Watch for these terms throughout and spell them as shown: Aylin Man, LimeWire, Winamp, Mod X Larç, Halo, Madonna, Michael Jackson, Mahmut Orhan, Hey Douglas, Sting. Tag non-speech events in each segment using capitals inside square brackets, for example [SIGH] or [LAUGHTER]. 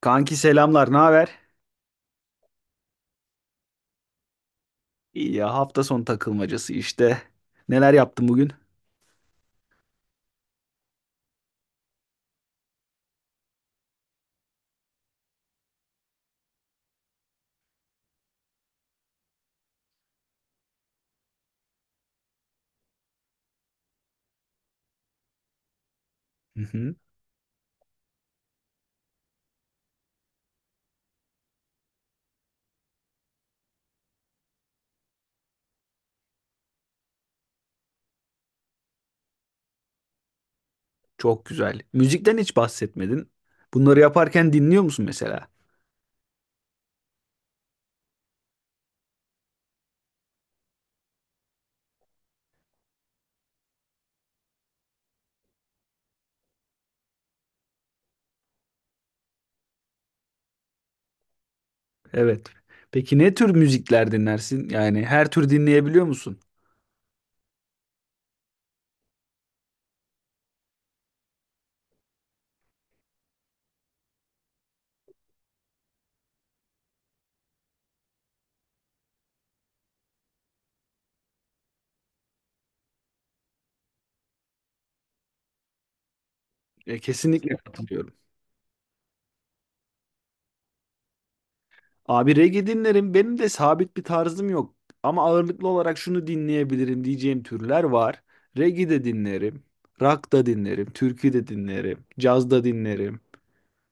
Kanki selamlar, ne haber? İyi ya, hafta sonu takılmacası işte. Neler yaptın bugün? Hı hı. Çok güzel. Müzikten hiç bahsetmedin. Bunları yaparken dinliyor musun mesela? Evet. Peki ne tür müzikler dinlersin? Yani her tür dinleyebiliyor musun? Kesinlikle katılıyorum. Abi reggae dinlerim. Benim de sabit bir tarzım yok. Ama ağırlıklı olarak şunu dinleyebilirim diyeceğim türler var. Reggae de dinlerim. Rock da dinlerim. Türkü de dinlerim. Caz da dinlerim.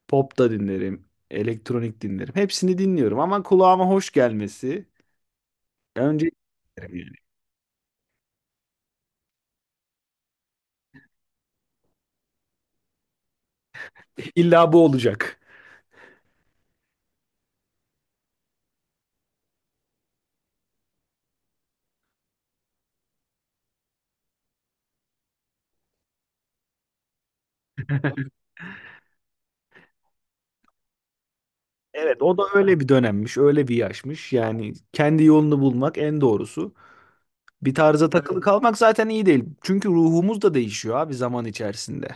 Pop da dinlerim. Elektronik dinlerim. Hepsini dinliyorum, ama kulağıma hoş gelmesi. Önce dinlerim yani. [LAUGHS] İlla bu olacak. [LAUGHS] Evet, o da öyle bir dönemmiş, öyle bir yaşmış. Yani kendi yolunu bulmak en doğrusu. Bir tarza takılı , evet, kalmak zaten iyi değil. Çünkü ruhumuz da değişiyor abi zaman içerisinde.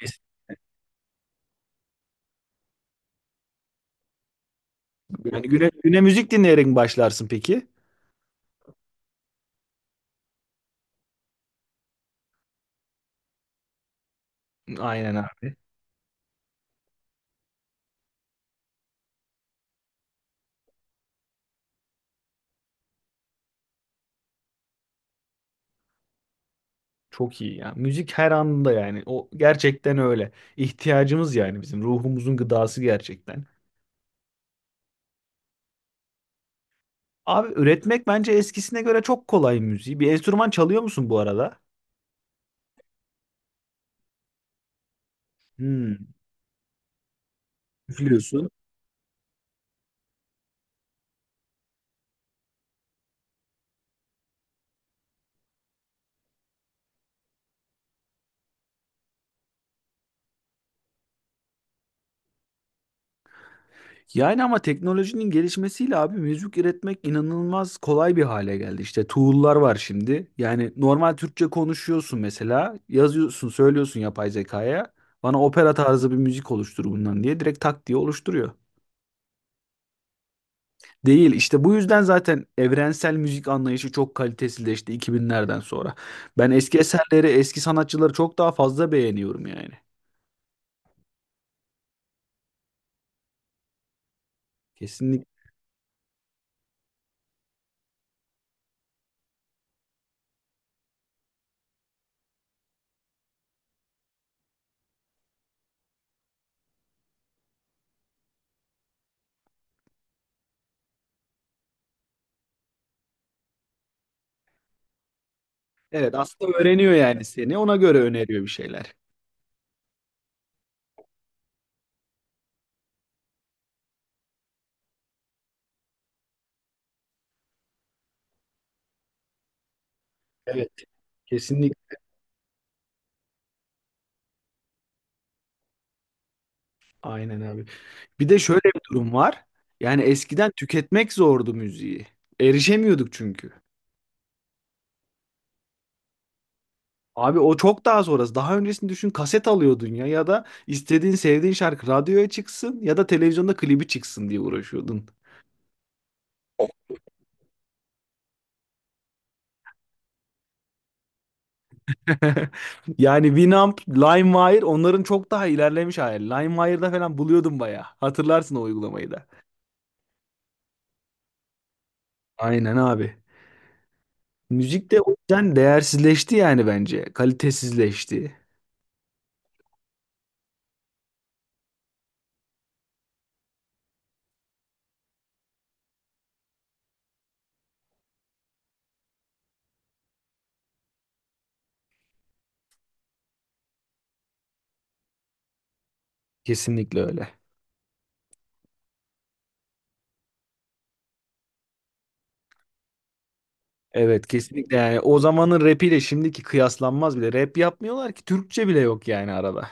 Yani güne, güne müzik dinleyerek mi başlarsın peki? Aynen abi. Çok iyi ya. Müzik her anında yani. O gerçekten öyle. İhtiyacımız, yani bizim ruhumuzun gıdası gerçekten. Abi üretmek bence eskisine göre çok kolay müziği. Bir enstrüman çalıyor musun bu arada? Hmm. Üflüyorsun. Yani ama teknolojinin gelişmesiyle abi müzik üretmek inanılmaz kolay bir hale geldi. İşte tool'lar var şimdi. Yani normal Türkçe konuşuyorsun mesela, yazıyorsun, söylüyorsun yapay zekaya. Bana opera tarzı bir müzik oluştur bundan diye direkt tak diye oluşturuyor. Değil işte, bu yüzden zaten evrensel müzik anlayışı çok kalitesizleşti 2000'lerden sonra. Ben eski eserleri, eski sanatçıları çok daha fazla beğeniyorum yani. Evet, aslında öğreniyor yani seni. Ona göre öneriyor bir şeyler. Evet. Kesinlikle. Aynen abi. Bir de şöyle bir durum var. Yani eskiden tüketmek zordu müziği. Erişemiyorduk çünkü. Abi o çok daha sonrası. Daha öncesini düşün, kaset alıyordun ya, ya da istediğin sevdiğin şarkı radyoya çıksın ya da televizyonda klibi çıksın diye uğraşıyordun. [LAUGHS] Yani Winamp, LimeWire onların çok daha ilerlemiş hali. LimeWire'da falan buluyordum bayağı. Hatırlarsın o uygulamayı da. Aynen abi. Müzik de o yüzden değersizleşti yani bence. Kalitesizleşti. Kesinlikle öyle. Evet, kesinlikle, yani o zamanın rapiyle şimdiki kıyaslanmaz bile. Rap yapmıyorlar ki, Türkçe bile yok yani arada.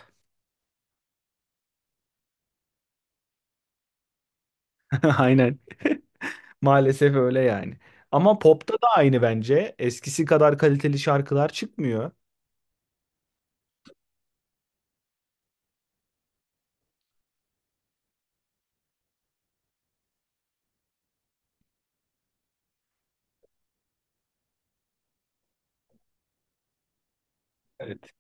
[LAUGHS] Aynen. Maalesef öyle yani. Ama popta da aynı bence. Eskisi kadar kaliteli şarkılar çıkmıyor. Evet.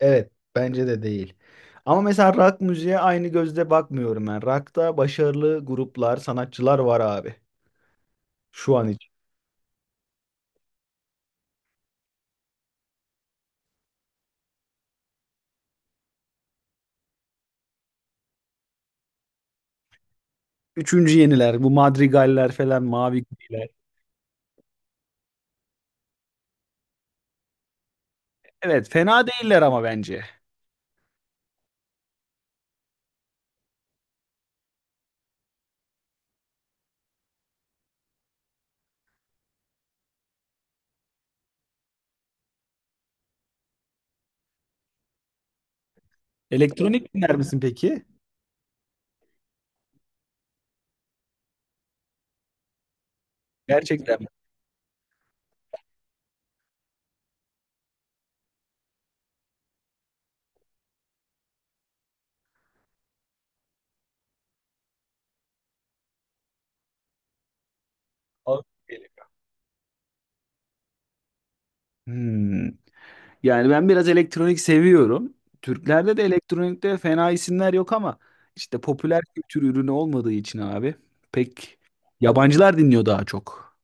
Evet, bence de değil. Ama mesela rock müziğe aynı gözle bakmıyorum ben. Rock'ta başarılı gruplar, sanatçılar var abi. Şu an için. Üçüncü yeniler, bu Madrigaller falan, Mavi Gemiler. Evet, fena değiller ama bence. Elektronik dinler misin peki? Gerçekten mi? Hmm. Yani ben biraz elektronik seviyorum. Türklerde de elektronikte fena isimler yok ama işte popüler kültür ürünü olmadığı için abi pek yabancılar dinliyor daha çok.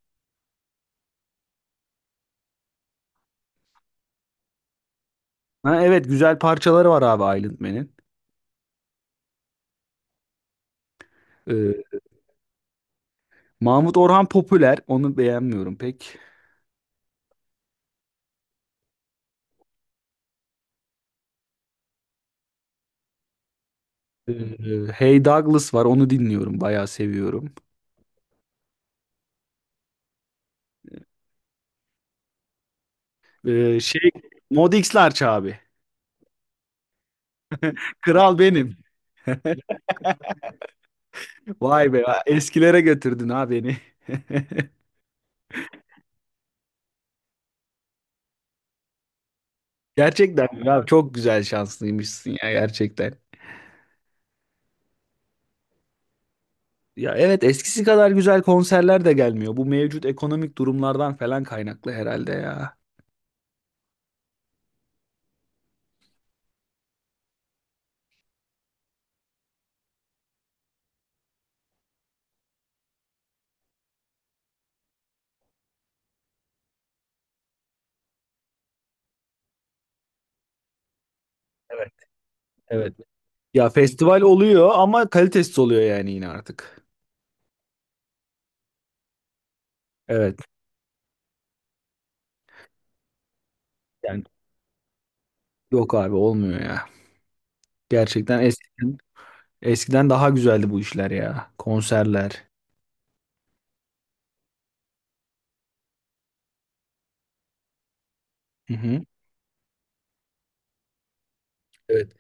Ha, evet, güzel parçaları var abi Aylin Man'in. Ee, Mahmut Orhan popüler, onu beğenmiyorum pek. Hey Douglas var, onu dinliyorum bayağı, seviyorum. Ee, şey Mod X Larç abi. [LAUGHS] Kral benim. [LAUGHS] Vay be, eskilere götürdün ha beni. [LAUGHS] Gerçekten ya, çok güzel, şanslıymışsın ya gerçekten. Ya evet, eskisi kadar güzel konserler de gelmiyor. Bu mevcut ekonomik durumlardan falan kaynaklı herhalde ya. Evet, evet. Ya festival oluyor ama kalitesiz oluyor yani, yine artık. Evet. Yani yok abi, olmuyor ya. Gerçekten eskiden daha güzeldi bu işler ya. Konserler. Hı hı. Evet.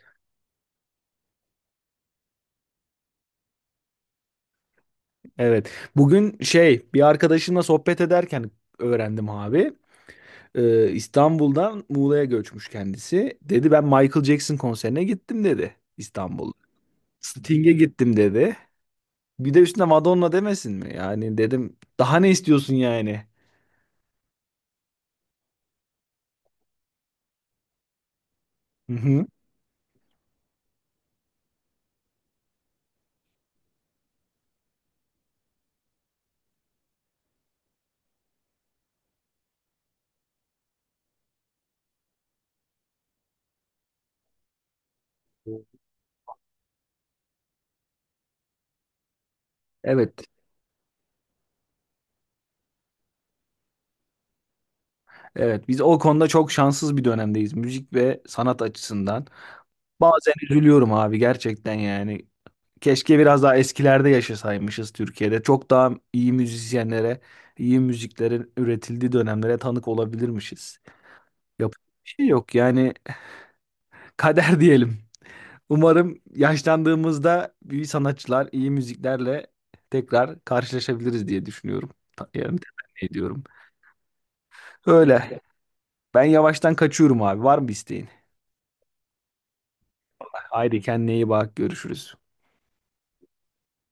Evet. Bugün şey, bir arkadaşımla sohbet ederken öğrendim abi. İstanbul'dan Muğla'ya göçmüş kendisi. Dedi ben Michael Jackson konserine gittim dedi İstanbul'da. Sting'e gittim dedi. Bir de üstüne Madonna demesin mi? Yani dedim, daha ne istiyorsun yani? Hı hı. Evet. Evet, biz o konuda çok şanssız bir dönemdeyiz müzik ve sanat açısından. Bazen üzülüyorum abi, gerçekten yani. Keşke biraz daha eskilerde yaşasaymışız Türkiye'de. Çok daha iyi müzisyenlere, iyi müziklerin üretildiği dönemlere tanık olabilirmişiz. Yapacak bir şey yok yani, [LAUGHS] kader diyelim. Umarım yaşlandığımızda iyi sanatçılar, iyi müziklerle tekrar karşılaşabiliriz diye düşünüyorum. Yani temenni ediyorum. Öyle. Ben yavaştan kaçıyorum abi. Var mı bir isteğin? Haydi kendine iyi bak. Görüşürüz.